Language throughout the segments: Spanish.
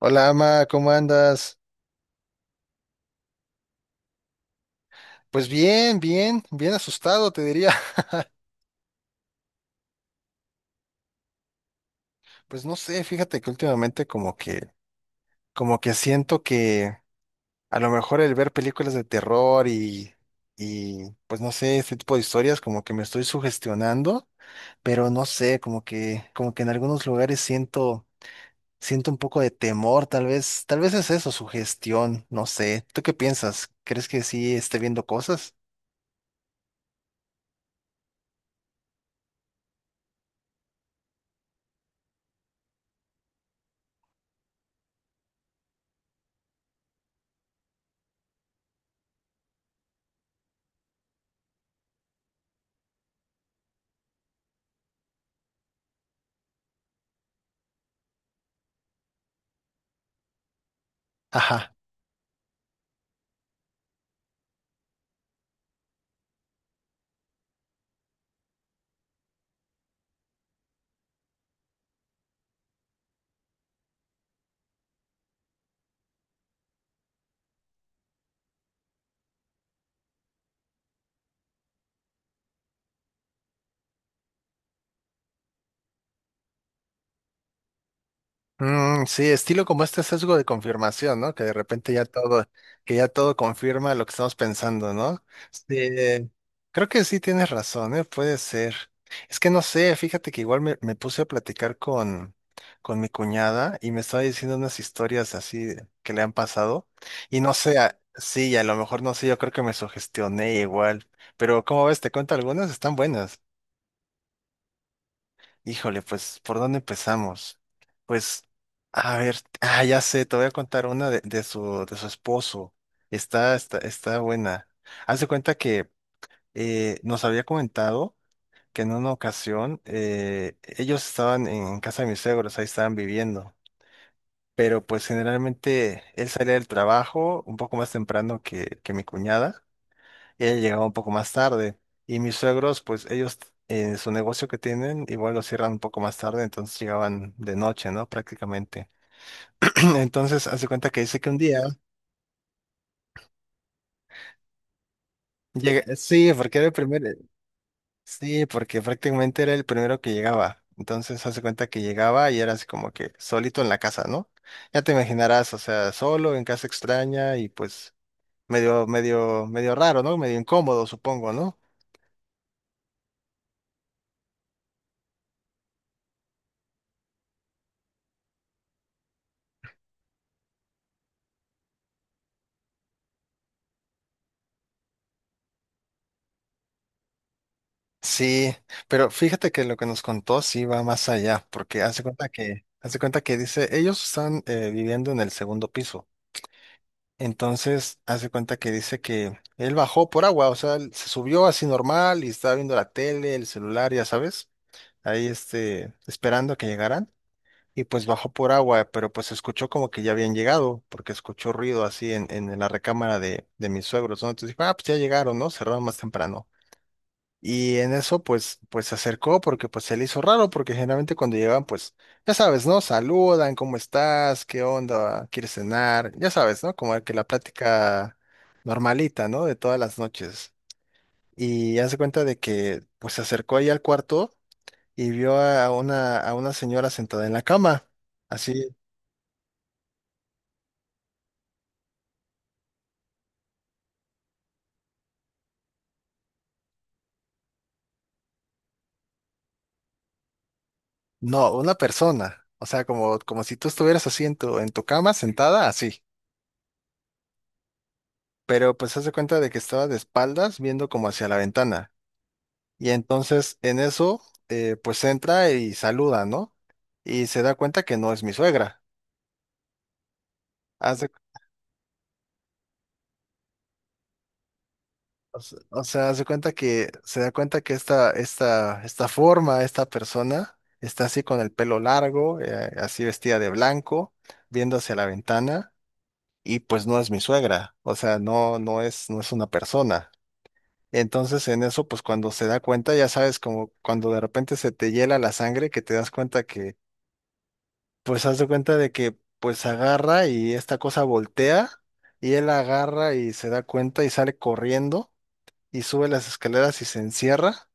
Hola, Ama, ¿cómo andas? Pues bien, bien, bien asustado, te diría. Pues no sé, fíjate que últimamente como que siento que a lo mejor el ver películas de terror y pues no sé, este tipo de historias como que me estoy sugestionando, pero no sé, como que en algunos lugares siento un poco de temor, tal vez es eso, sugestión, no sé. ¿Tú qué piensas? ¿Crees que sí esté viendo cosas? Ajá. Mm, sí, estilo como este sesgo de confirmación, ¿no? Que de repente ya todo, que ya todo confirma lo que estamos pensando, ¿no? Sí, creo que sí tienes razón, ¿eh? Puede ser. Es que no sé, fíjate que igual me puse a platicar con mi cuñada y me estaba diciendo unas historias así que le han pasado. Y no sé, sí, a lo mejor no sé, yo creo que me sugestioné igual. Pero, ¿cómo ves? Te cuento algunas, están buenas. Híjole, pues, ¿por dónde empezamos? Pues, a ver, ah, ya sé, te voy a contar una de su esposo. Está buena. Haz de cuenta que nos había comentado que en una ocasión ellos estaban en casa de mis suegros, ahí estaban viviendo. Pero pues generalmente él salía del trabajo un poco más temprano que mi cuñada. Ella llegaba un poco más tarde. Y mis suegros, pues ellos, su negocio que tienen, igual lo cierran un poco más tarde, entonces llegaban de noche, ¿no? Prácticamente. Entonces, hace cuenta que dice que un día llega, sí, porque era el primero, sí, porque prácticamente era el primero que llegaba. Entonces, hace cuenta que llegaba y era así como que solito en la casa, ¿no? Ya te imaginarás, o sea, solo en casa extraña y pues medio, medio, medio raro, ¿no? Medio incómodo, supongo, ¿no? Sí, pero fíjate que lo que nos contó sí va más allá, porque hace cuenta que dice, ellos están viviendo en el segundo piso. Entonces, hace cuenta que dice que él bajó por agua, o sea, él se subió así normal y estaba viendo la tele, el celular, ya sabes, ahí esperando a que llegaran. Y pues bajó por agua, pero pues escuchó como que ya habían llegado, porque escuchó ruido así en la recámara de mis suegros, ¿no? Entonces dijo, ah, pues ya llegaron, ¿no? Cerraron más temprano. Y en eso, pues se acercó porque pues se le hizo raro, porque generalmente cuando llegan, pues, ya sabes, ¿no? Saludan, ¿cómo estás? ¿Qué onda? ¿Quieres cenar? Ya sabes, ¿no? Como que la plática normalita, ¿no? De todas las noches. Y hace cuenta de que, pues, se acercó ahí al cuarto y vio a una señora sentada en la cama. Así, no, una persona. O sea, como si tú estuvieras así en tu cama, sentada, así. Pero pues hace cuenta de que estaba de espaldas viendo como hacia la ventana. Y entonces en eso, pues entra y saluda, ¿no? Y se da cuenta que no es mi suegra. Haz de- o sea, hace cuenta que se da cuenta que esta forma, esta persona, está así con el pelo largo, así vestida de blanco, viendo hacia la ventana, y pues no es mi suegra. O sea, no, no es una persona. Entonces en eso, pues cuando se da cuenta, ya sabes, como cuando de repente se te hiela la sangre, que te das cuenta pues haz de cuenta de que pues agarra y esta cosa voltea y él agarra y se da cuenta y sale corriendo y sube las escaleras y se encierra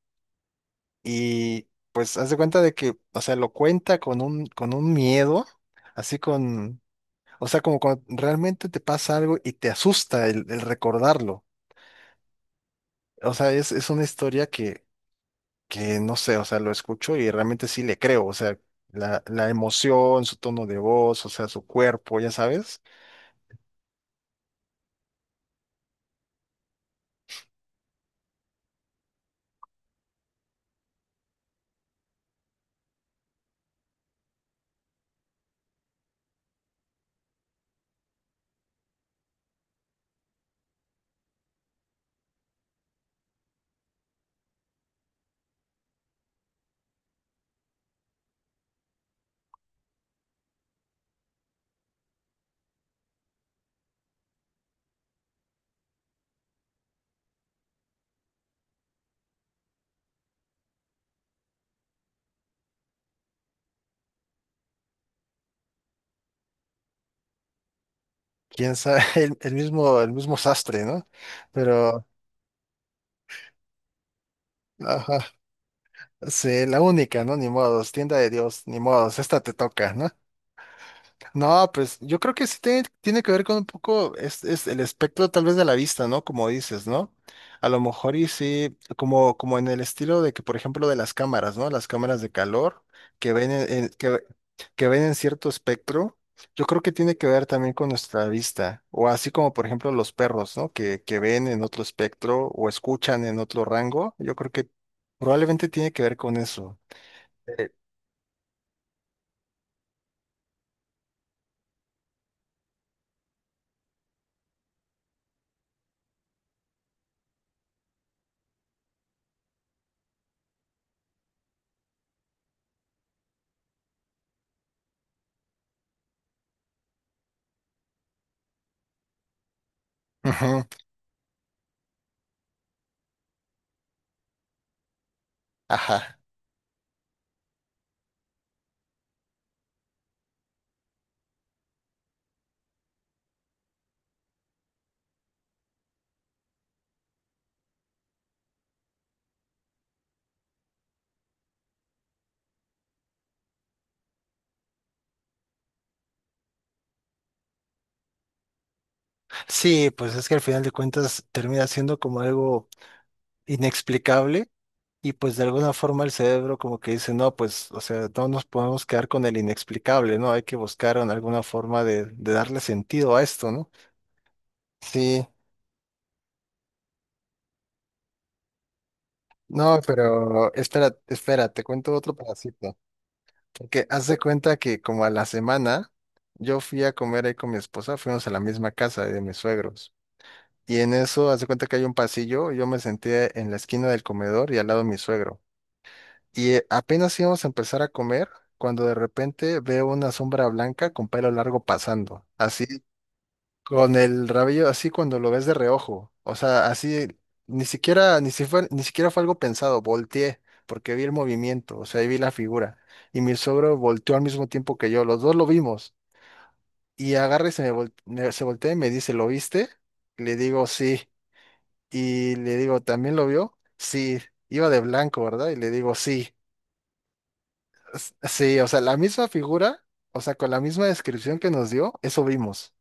y pues haz de cuenta de que, o sea, lo cuenta con un miedo, así con, o sea, como cuando realmente te pasa algo y te asusta el recordarlo. O sea, es una historia que no sé, o sea, lo escucho y realmente sí le creo, o sea, la emoción, su tono de voz, o sea, su cuerpo, ya sabes. Quién sabe, el mismo sastre, ¿no? Pero, ajá, sí, la única, ¿no? Ni modos, tienda de Dios, ni modos, esta te toca, ¿no? No, pues yo creo que sí tiene que ver con un poco es el espectro tal vez de la vista, ¿no? Como dices, ¿no? A lo mejor y sí, como en el estilo de que, por ejemplo, de las cámaras, ¿no? Las cámaras de calor que ven en, en- que, que ven en cierto espectro, yo creo que tiene que ver también con nuestra vista, o así como, por ejemplo, los perros, ¿no? Que ven en otro espectro o escuchan en otro rango, yo creo que probablemente tiene que ver con eso. Eh, Ujú, Ajá. Sí, pues es que al final de cuentas termina siendo como algo inexplicable y pues de alguna forma el cerebro como que dice, no, pues, o sea, no nos podemos quedar con el inexplicable, ¿no? Hay que buscar en alguna forma de darle sentido a esto, ¿no? Sí, no, pero espera, espera, te cuento otro pedacito. Que haz de cuenta que como a la semana yo fui a comer ahí con mi esposa, fuimos a la misma casa de mis suegros. Y en eso, haz de cuenta que hay un pasillo, yo me senté en la esquina del comedor y al lado de mi suegro. Y apenas íbamos a empezar a comer cuando de repente veo una sombra blanca con pelo largo pasando, así con el rabillo, así cuando lo ves de reojo, o sea, así ni siquiera fue algo pensado, volteé porque vi el movimiento, o sea, ahí vi la figura y mi suegro volteó al mismo tiempo que yo, los dos lo vimos y agarra y se voltea y me dice, ¿lo viste? Le digo sí y le digo, ¿también lo vio? Sí, iba de blanco, ¿verdad? Y le digo sí. Sí, o sea, la misma figura, o sea, con la misma descripción que nos dio, eso vimos.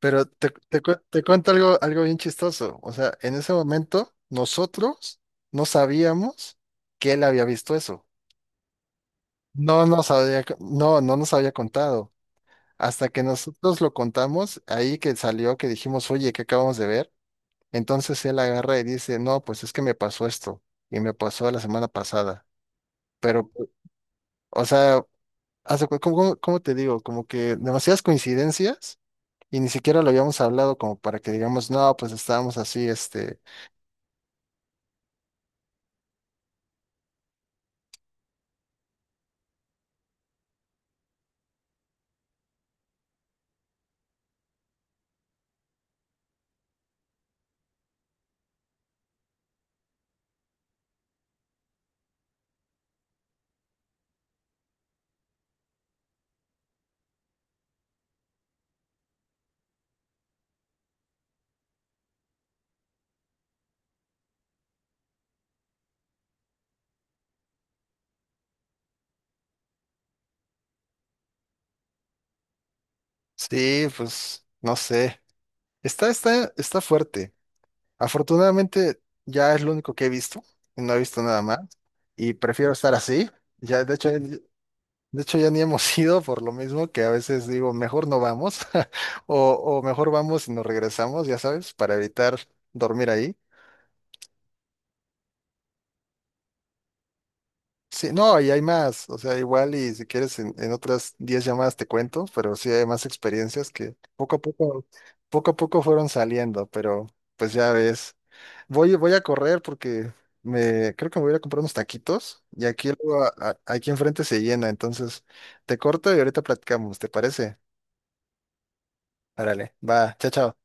Pero te cuento algo, bien chistoso. O sea, en ese momento nosotros no sabíamos que él había visto eso. No no, nos había contado. Hasta que nosotros lo contamos, ahí que salió, que dijimos, oye, ¿qué acabamos de ver? Entonces él agarra y dice, no, pues es que me pasó esto y me pasó la semana pasada. Pero, o sea, ¿cómo te digo? Como que demasiadas coincidencias y ni siquiera lo habíamos hablado como para que digamos, no, pues estábamos así, sí, pues no sé. Está fuerte. Afortunadamente ya es lo único que he visto, y no he visto nada más y prefiero estar así. Ya, de hecho ya ni hemos ido por lo mismo que a veces digo, mejor no vamos o mejor vamos y nos regresamos, ya sabes, para evitar dormir ahí. Sí, no, y hay más, o sea, igual y si quieres en otras 10 llamadas te cuento, pero sí hay más experiencias que poco a poco fueron saliendo, pero pues ya ves, voy a correr porque creo que me voy a ir a comprar unos taquitos y aquí luego aquí enfrente se llena, entonces te corto y ahorita platicamos, ¿te parece? Árale, va, chao, chao.